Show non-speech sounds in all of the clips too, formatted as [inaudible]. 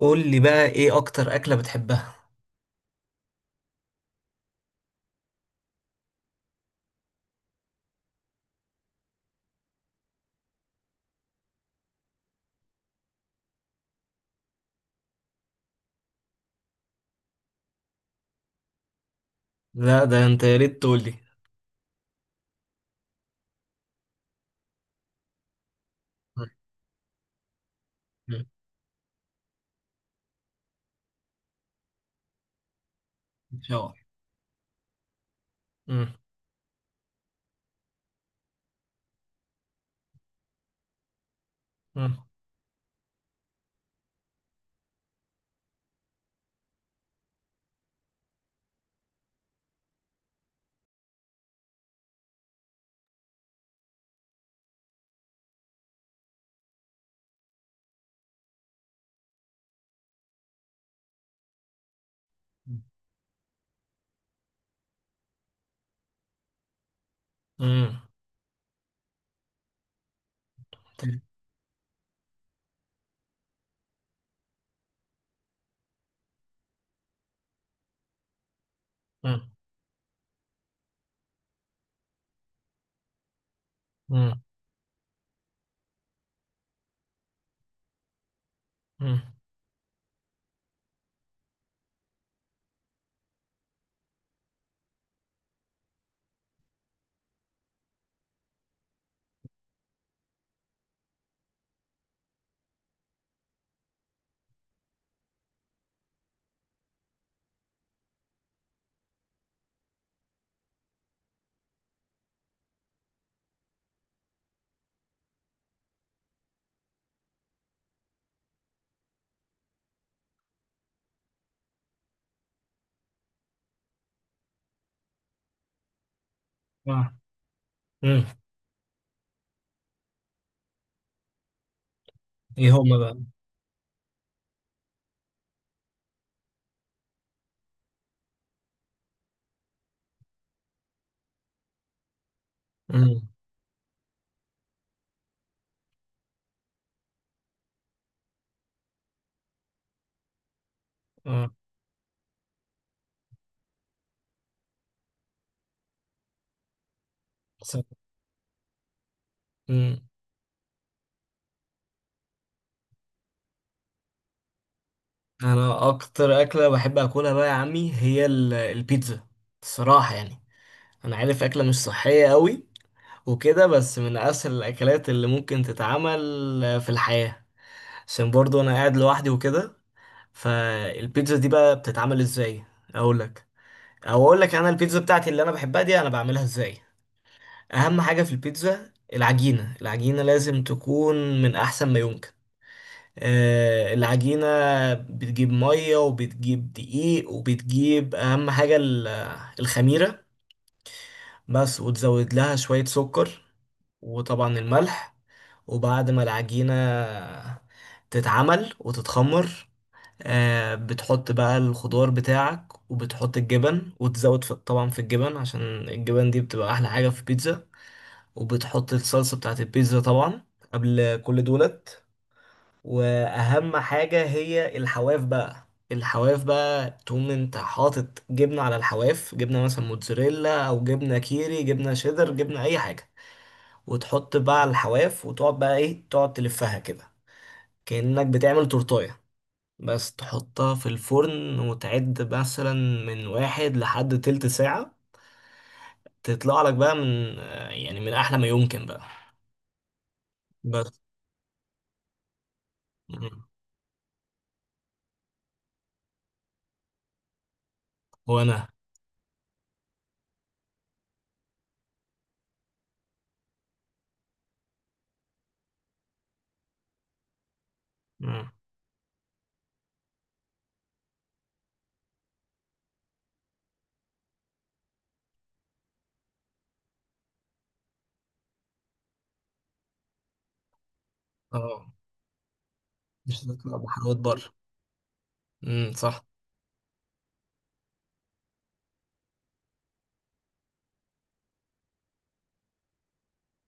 قول لي بقى، ايه اكتر اكلة بتحبها؟ لا، ده انت يا ريت تقول لي. مم. مم. شاور. مم. مم. مم. تل-. مم. مم. مم. آه. مم. ايه هما بقى؟ مم. مم. س-. مم. انا اكتر اكلة بحب اكلها بقى يا عمي هي البيتزا، الصراحة يعني. انا عارف اكلة مش صحية قوي وكده، بس من اسهل الاكلات اللي ممكن تتعمل في الحياة، عشان برضو انا قاعد لوحدي وكده. فالبيتزا دي بقى بتتعمل ازاي؟ اقول لك، او اقول لك انا البيتزا بتاعتي اللي انا بحبها دي انا بعملها ازاي. اهم حاجه في البيتزا العجينه، العجينه لازم تكون من احسن ما يمكن. آه، العجينه بتجيب ميه وبتجيب دقيق وبتجيب اهم حاجه الخميره بس، وتزود لها شويه سكر وطبعا الملح. وبعد ما العجينه تتعمل وتتخمر، آه بتحط بقى الخضار بتاعك وبتحط الجبن، وتزود في طبعا في الجبن، عشان الجبن دي بتبقى أحلى حاجة في البيتزا. وبتحط الصلصة بتاعت البيتزا طبعا قبل كل دولت. وأهم حاجة هي الحواف بقى، الحواف بقى تقوم انت حاطط جبنة على الحواف، جبنة مثلا موتزاريلا أو جبنة كيري، جبنة شيدر، جبنة أي حاجة. وتحط بقى على الحواف وتقعد بقى ايه، تقعد تلفها كده كأنك بتعمل تورتاية. بس تحطها في الفرن وتعد مثلا من واحد لحد تلت ساعة، تطلع لك بقى من آه، يعني من أحلى ما يمكن بقى. بس. مم. وأنا. مم. اه، مش هتطلع بحلويات بره. امم، صح.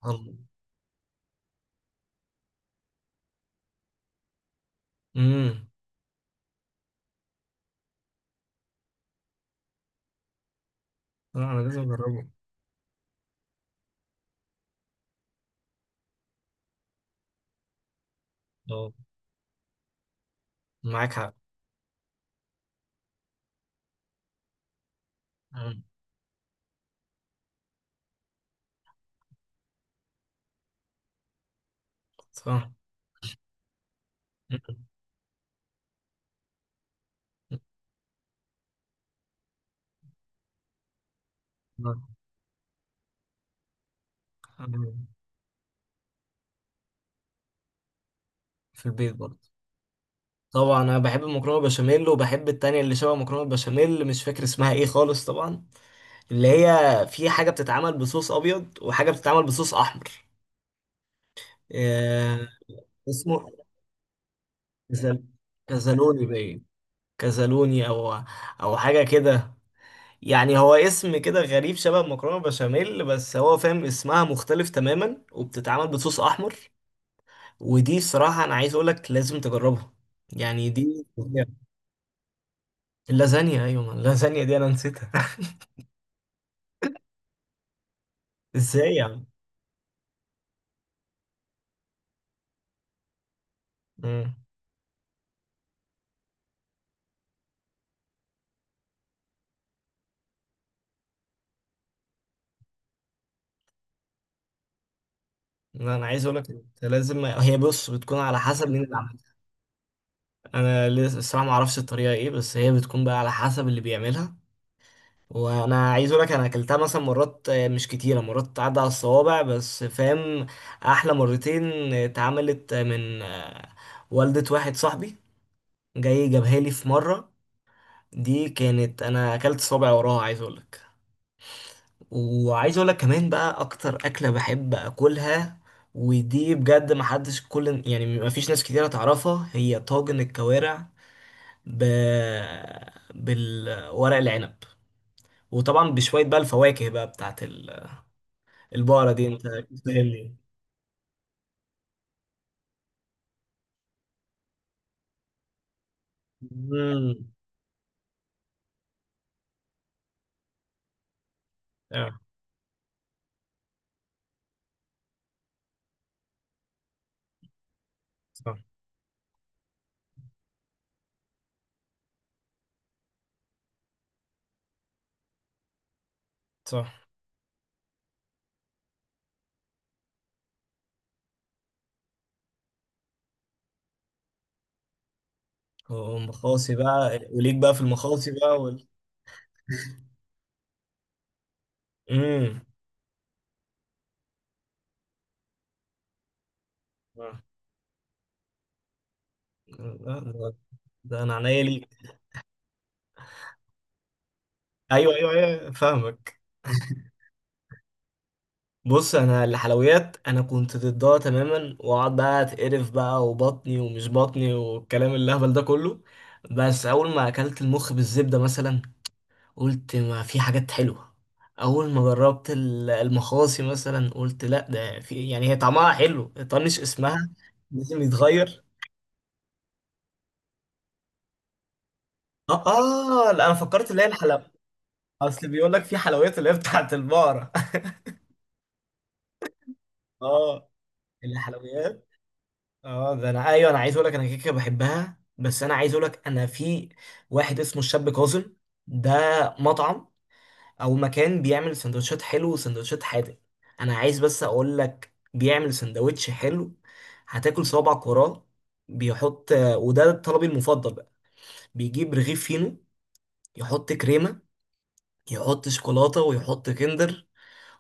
الله. امم. لا أنا لازم أجربه. اه، معاك حق. مم. صح. مم. مم. في البيت برضه. طبعا أنا بحب المكرونة بشاميل وبحب التانية اللي شبه مكرونة بشاميل، مش فاكر اسمها إيه خالص طبعا، اللي هي في حاجة بتتعمل بصوص أبيض وحاجة بتتعمل بصوص أحمر. آه، اسمه كزل- كزلوني باين، كزلوني أو أو حاجة كده. يعني هو اسم كده غريب شبه مكرونة بشاميل، بس هو فاهم اسمها مختلف تماما وبتتعمل بصوص أحمر. ودي صراحة أنا عايز أقولك لازم تجربها، يعني دي اللازانيا. أيوة، ما اللازانيا دي أنا نسيتها [laughs] إزاي يعني؟ مم. لا، أنا عايز أقولك أنت لازم، هي بص بتكون على حسب مين اللي عملها. انا لسه الصراحه ما اعرفش الطريقه ايه، بس هي بتكون بقى على حسب اللي بيعملها. وانا عايز اقول لك انا اكلتها مثلا مرات، آه مش كتيره، مرات تعدى على الصوابع بس فاهم. احلى مرتين آه، اتعملت آه، من آه، والدة واحد صاحبي، جاي جابها لي في مره، دي كانت انا اكلت صابع وراها عايز اقول لك. وعايز اقول لك كمان بقى اكتر اكله بحب اكلها، ودي بجد محدش كل، يعني مفيش ناس كتيره تعرفها، هي طاجن الكوارع ب... بالورق العنب، وطبعا بشوية بقى الفواكه بقى بتاعت البقرة دي. انت فاهمني؟ امم. اه. صح. صح. ومخاصي بقى وليك بقى في المخاصي بقى وال... امم. آه. لا، ده انا عينيا ليك. ايوه ايوه ايوه، فاهمك. بص انا الحلويات انا كنت ضدها تماما، واقعد بقى اتقرف بقى وبطني ومش بطني والكلام الهبل ده كله. بس اول ما اكلت المخ بالزبده مثلا قلت ما في حاجات حلوة. أول ما جربت المخاصي مثلا قلت لا ده في، يعني هي طعمها حلو. طنش اسمها، لازم يتغير. اه. اه لا انا فكرت اللي هي الحلويات. اصل بيقول لك في حلويات اللي هي بتاعت البقرة [laughs] اه الحلويات. اه ده انا ايوه، انا عايز اقول لك انا كيكه بحبها. بس انا عايز اقول لك انا في واحد اسمه الشاب كاظم، ده مطعم او مكان بيعمل سندوتشات حلو وسندوتشات حادق. انا عايز بس اقول لك بيعمل سندوتش حلو هتاكل صوابعك وراه. بيحط، وده طلبي المفضل بقى، بيجيب رغيف فينو، يحط كريمة، يحط شوكولاتة، ويحط كندر،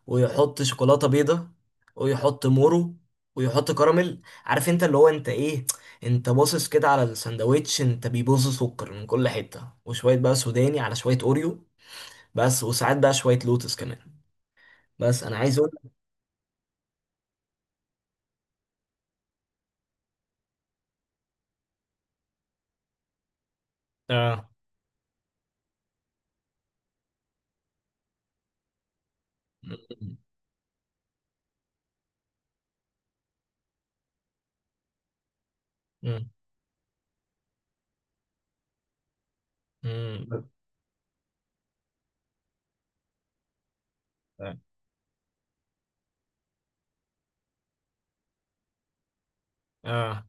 ويحط شوكولاتة بيضة، ويحط مورو، ويحط كراميل. عارف انت اللي هو انت ايه، انت باصص كده على السندوتش، انت بيبص سكر من كل حتة، وشوية بقى سوداني على شوية اوريو، بس وساعات بقى شوية لوتس كمان. بس انا عايز. اه. مم. مم. مم. اه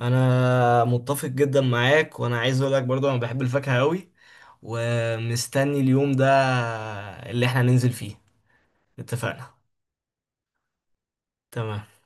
انا متفق جدا معاك، وانا عايز اقول لك برضو انا بحب الفاكهة قوي، ومستني اليوم ده اللي احنا ننزل فيه. اتفقنا. تمام.